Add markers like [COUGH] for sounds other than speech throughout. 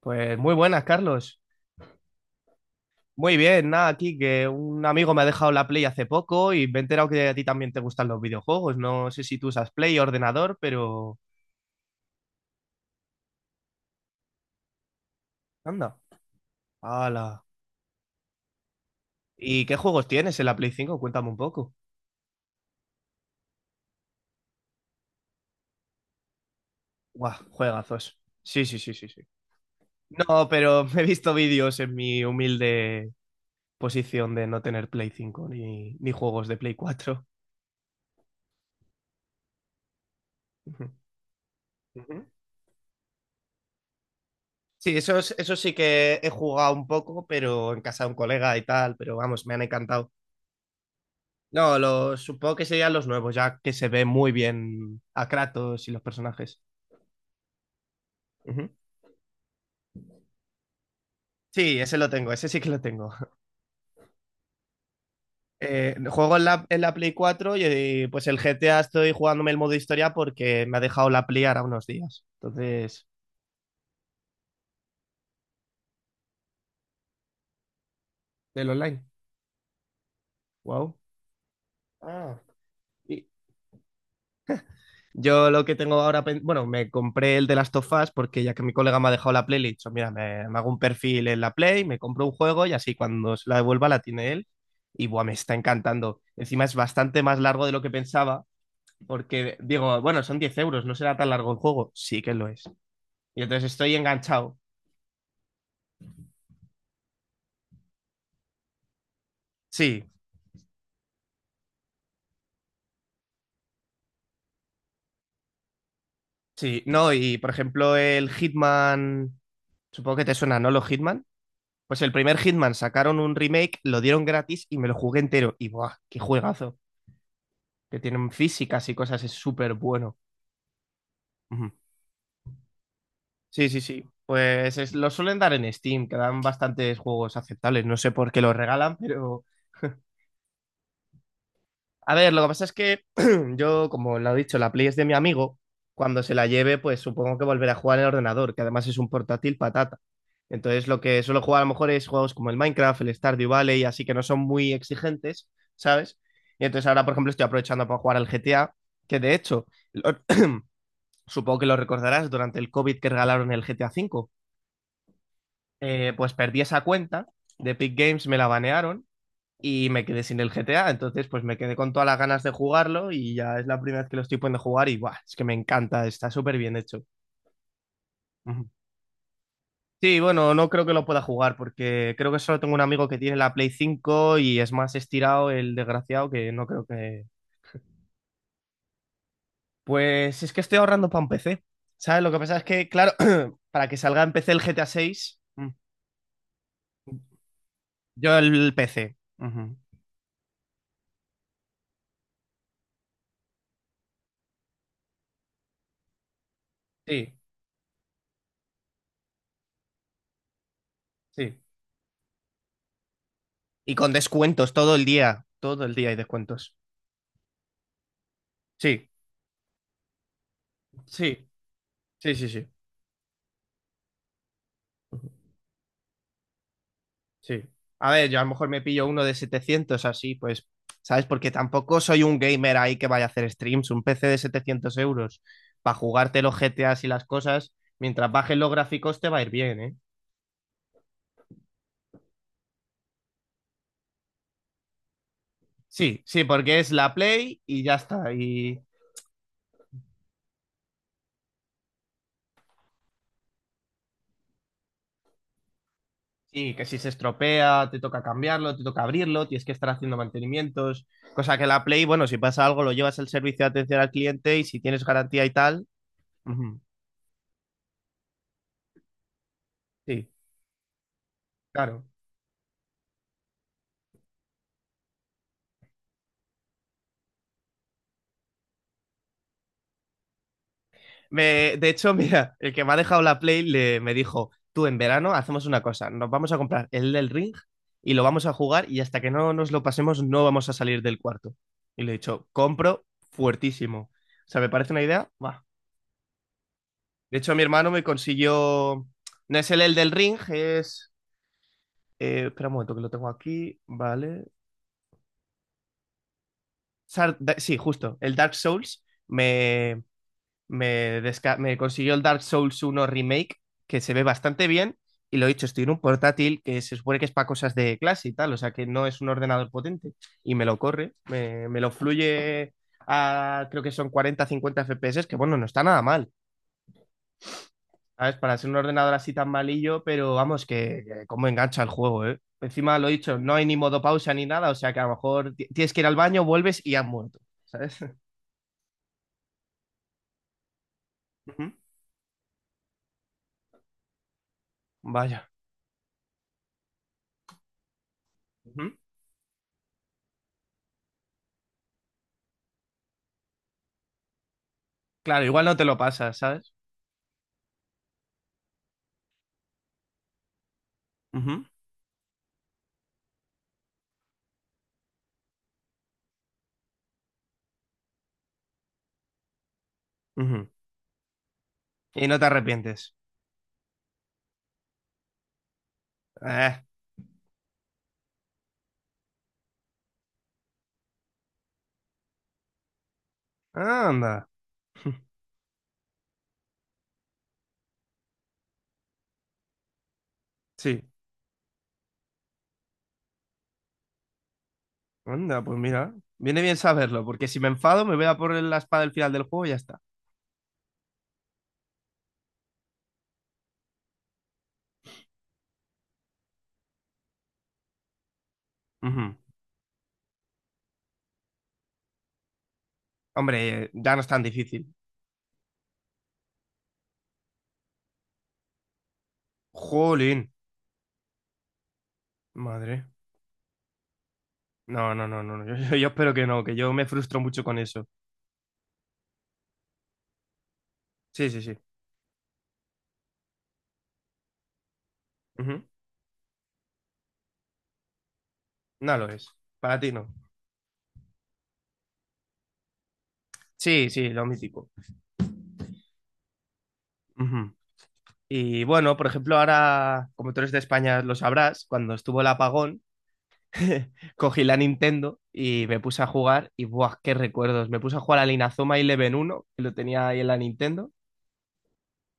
Pues muy buenas, Carlos. Muy bien, nada, aquí que un amigo me ha dejado la Play hace poco y me he enterado que a ti también te gustan los videojuegos. No sé si tú usas Play o ordenador, pero... Anda. Hala. ¿Y qué juegos tienes en la Play cinco? Cuéntame un poco. Guau, juegazos. Sí, sí, sí, sí, sí. No, pero [LAUGHS] he visto vídeos en mi humilde posición de no tener Play cinco ni juegos de Play cuatro. Ujú. Ujú. Sí, eso, eso sí que he jugado un poco, pero en casa de un colega y tal, pero vamos, me han encantado. No, lo, supongo que serían los nuevos, ya que se ve muy bien a Kratos y los personajes. Ujú. Sí, ese lo tengo, ese sí que lo tengo. [LAUGHS] Juego en la Play 4 y pues el GTA estoy jugándome el modo historia porque me ha dejado la Play ahora unos días. Entonces, del online. Wow. Ah. Y. Yo lo que tengo ahora, bueno, me compré el de Last of Us porque ya que mi colega me ha dejado la Play, le he dicho, mira, me hago un perfil en la Play, me compro un juego y así cuando se la devuelva la tiene él. Y buah, me está encantando. Encima es bastante más largo de lo que pensaba porque digo, bueno, son 10 euros, no será tan largo el juego. Sí que lo es. Y entonces estoy enganchado. Sí, sí, no, y por ejemplo el Hitman, supongo que te suena, ¿no? Los Hitman. Pues el primer Hitman sacaron un remake, lo dieron gratis y me lo jugué entero. Y buah, qué juegazo. Que tienen físicas y cosas, es súper bueno. Ujú. Sí, sí, sí. Pues lo suelen dar en Steam, que dan bastantes juegos aceptables. No sé por qué los regalan, [LAUGHS] pero... A ver, lo que pasa es que [CLEARS THROAT] yo, como lo he dicho, la Play es de mi amigo. Cuando se la lleve, pues supongo que volverá a jugar en el ordenador, que además es un portátil patata. Entonces, lo que suelo jugar a lo mejor es juegos como el Minecraft, el Stardew Valley, así que no son muy exigentes, ¿sabes? Y entonces ahora, por ejemplo, estoy aprovechando para jugar al GTA, que de hecho, el, o- supongo que lo recordarás, durante el COVID que regalaron el GTA V, pues perdí esa cuenta de Epic Games, me la banearon y me quedé sin el GTA, entonces pues me quedé con todas las ganas de jugarlo y ya es la primera vez que lo estoy poniendo a jugar y ¡buah! Es que me encanta, está súper bien hecho. Ujú. Sí, bueno, no creo que lo pueda jugar porque creo que solo tengo un amigo que tiene la Play 5 y es más estirado el desgraciado que no creo que... Pues es que estoy ahorrando para un PC. ¿Sabes? Lo que pasa es que, claro, [CLEARS THROAT] para que salga en PC el GTA 6, yo el PC. Ujú. Sí, sí. Y con descuentos todo el día. Todo el día hay descuentos. Sí, sí, sí, sí, sí, sí. A ver, yo a lo mejor me pillo uno de 700 así, pues, ¿sabes? Porque tampoco soy un gamer ahí que vaya a hacer streams. Un PC de 700 euros para jugarte los GTAs y las cosas, mientras bajes los gráficos te va a ir bien, ¿eh? Sí, sí, porque es la Play y ya está. Y, sí, que si se estropea, te toca cambiarlo, te toca abrirlo, tienes que estar haciendo mantenimientos. Cosa que la Play, bueno, si pasa algo, lo llevas al servicio de atención al cliente y si tienes garantía y tal. Ujú, sí, claro. De hecho, [LAUGHS] mira, el que me ha dejado la Play le, me dijo: Tú en verano hacemos una cosa, nos vamos a comprar el del Ring y lo vamos a jugar y hasta que no nos lo pasemos, no vamos a salir del cuarto. Y le he dicho: Compro fuertísimo. O sea, me parece una idea. Buah. De hecho, mi hermano me consiguió. No es el del Ring, es. Espera un momento que lo tengo aquí, ¿vale? Sí, justo, el Dark Souls me consiguió el Dark Souls uno Remake, que se ve bastante bien, y lo he dicho, estoy en un portátil que se supone que es para cosas de clase y tal, o sea que no es un ordenador potente, y me lo corre, me lo fluye a creo que son 40-50 FPS, que bueno, no está nada mal. ¿Sabes? Para ser un ordenador así tan malillo, pero vamos, que cómo engancha el juego, ¿eh? Encima lo he dicho, no hay ni modo pausa ni nada, o sea que a lo mejor tienes que ir al baño, vuelves y has muerto, ¿sabes? [LAUGHS] Ujú, vaya. Ujú, claro, igual no te lo pasas, ¿sabes? Ujú, ujú. Y no te arrepientes. Eh, Anda. [LAUGHS] Sí, anda, pues mira. Viene bien saberlo, porque si me enfado me voy a por la espada al final del juego y ya está. Ujú. Hombre, ya no es tan difícil. Jolín, madre. No, no, no, no, no. [LAUGHS] Yo espero que no, que yo me frustro mucho con eso. Sí, sí, sí. Ujú. No lo es. Para ti no. Sí, sí, lo mítico. Ujú. Y bueno, por ejemplo, ahora, como tú eres de España, lo sabrás, cuando estuvo el apagón, [LAUGHS] cogí la Nintendo y me puse a jugar y ¡buah, qué recuerdos! Me puse a jugar al Inazuma Eleven uno que lo tenía ahí en la Nintendo,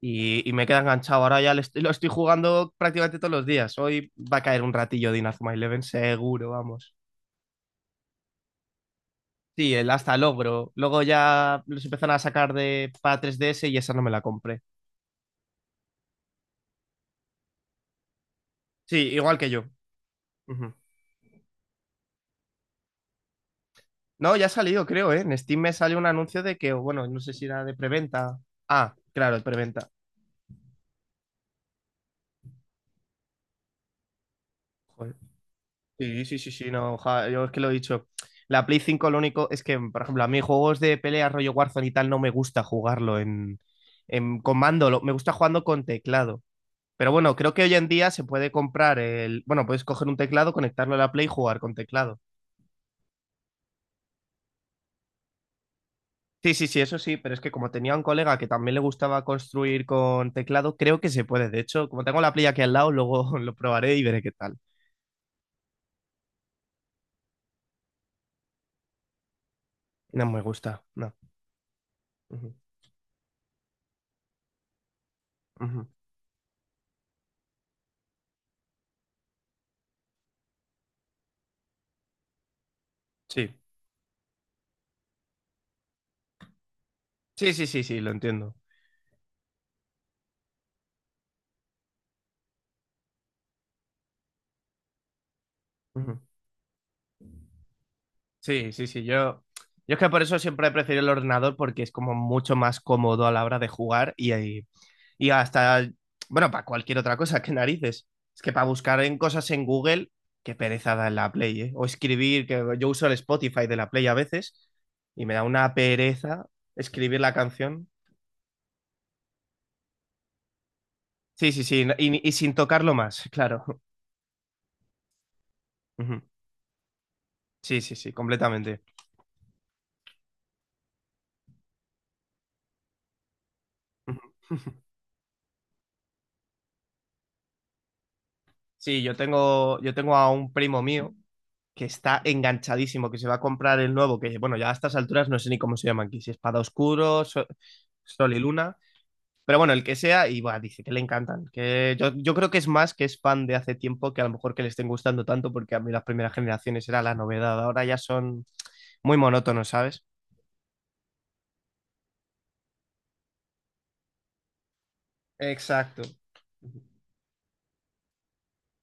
y me queda enganchado. Ahora ya lo estoy jugando prácticamente todos los días. Hoy va a caer un ratillo de Inazuma Eleven, seguro, vamos. Sí, el hasta el ogro. Luego ya los empezaron a sacar de para 3DS y esa no me la compré. Sí, igual que yo. Ujú. No, ya ha salido, creo, ¿eh? En Steam me salió un anuncio de que, bueno, no sé si era de preventa. Ah, claro, es preventa. Joder. Sí, sí, sí, sí, no, ja, yo es que lo he dicho. La Play 5 lo único es que, por ejemplo, a mí juegos de pelea rollo Warzone y tal no me gusta jugarlo en con mando, me gusta jugando con teclado. Pero bueno, creo que hoy en día se puede comprar el, bueno, puedes coger un teclado, conectarlo a la Play y jugar con teclado. Sí, sí, sí, eso sí, pero es que como tenía un colega que también le gustaba construir con teclado, creo que se puede. De hecho, como tengo la playa aquí al lado, luego [LAUGHS] lo probaré y veré qué tal. No me gusta, no. Ujú, ujú. Sí, sí, sí, sí, sí, lo entiendo. Ujú. Sí, sí, sí, yo... Yo es que por eso siempre he preferido el ordenador porque es como mucho más cómodo a la hora de jugar y, ahí y hasta, bueno, para cualquier otra cosa, [LAUGHS] qué narices. Es que para buscar en cosas en Google, qué pereza da en la Play, ¿eh? O escribir, que yo uso el Spotify de la Play a veces y me da una pereza escribir la canción. Sí, sí, sí, no, y sin tocarlo más, [LAUGHS] claro. Ujú. Sí, sí, sí, completamente. Ujú. Sí, yo tengo a un primo mío que está enganchadísimo, que se va a comprar el nuevo, que bueno, ya a estas alturas no sé ni cómo se llama aquí, si Espada Oscuro, Sol, Sol y Luna. Pero bueno, el que sea, y buah, dice que le encantan. Que yo creo que es más que es fan de hace tiempo que a lo mejor que le estén gustando tanto, porque a mí las primeras generaciones era la novedad. Ahora ya son muy monótonos, ¿sabes? Exacto.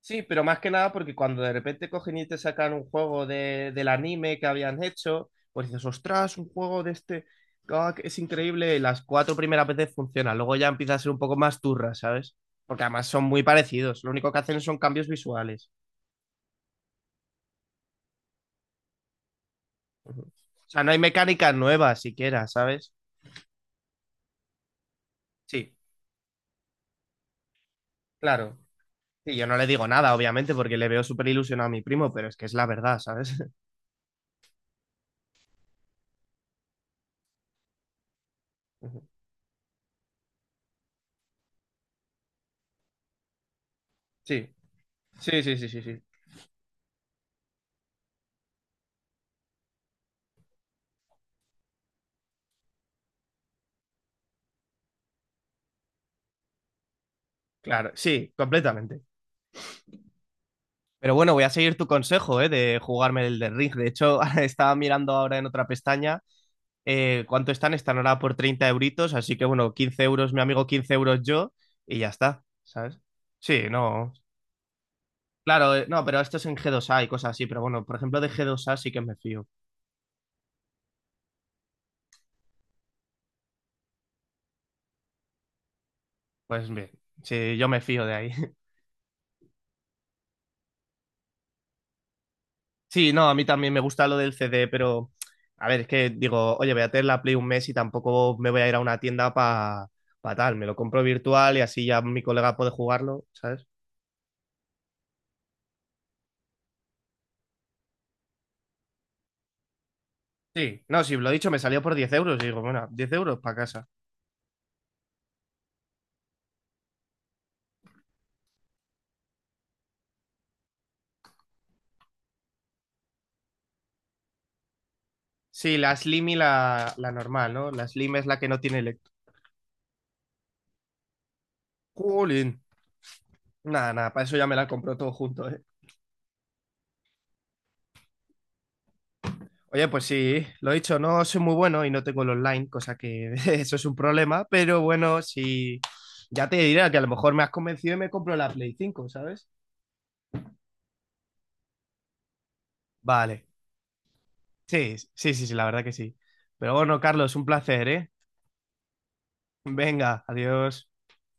Sí, pero más que nada porque cuando de repente cogen y te sacan un juego de, del anime que habían hecho, pues dices, ostras, un juego de este, ah, que es increíble, y las cuatro primeras veces funciona, luego ya empieza a ser un poco más turra, ¿sabes? Porque además son muy parecidos, lo único que hacen son cambios visuales. O sea, no hay mecánicas nuevas siquiera, ¿sabes? Sí, claro. Y yo no le digo nada, obviamente, porque le veo súper ilusionado a mi primo, pero es que es la verdad, ¿sabes? [LAUGHS] Sí, sí, sí, sí, sí, sí. Claro, sí, completamente. Pero bueno, voy a seguir tu consejo, ¿eh? De jugarme el de Ring. De hecho, [LAUGHS] estaba mirando ahora en otra pestaña cuánto están. Están ahora por 30 euritos, así que bueno, 15 euros mi amigo, 15 euros yo, y ya está, ¿sabes? Sí, no. Claro, no, pero esto es en g dos a y cosas así, pero bueno, por ejemplo, de g dos a sí que me fío. Pues bien, sí, yo me fío de ahí. [LAUGHS] Sí, no, a mí también me gusta lo del CD, pero a ver, es que digo, oye, voy a tener la Play un mes y tampoco me voy a ir a una tienda para tal. Me lo compro virtual y así ya mi colega puede jugarlo, ¿sabes? Sí, no, sí, lo he dicho, me salió por 10 euros. Y digo, bueno, 10 euros para casa. Sí, la Slim y la normal, ¿no? La Slim es la que no tiene electro. Jolín. Nada, nada, para eso ya me la compro todo junto, ¿eh? Oye, pues sí, lo he dicho, no soy muy bueno y no tengo el online, cosa que [LAUGHS] eso es un problema, pero bueno, sí, ya te diré que a lo mejor me has convencido y me compro la Play cinco, ¿sabes? Vale, sí, sí, sí, sí, la verdad que sí. Pero bueno, Carlos, un placer, ¿eh? Venga, adiós.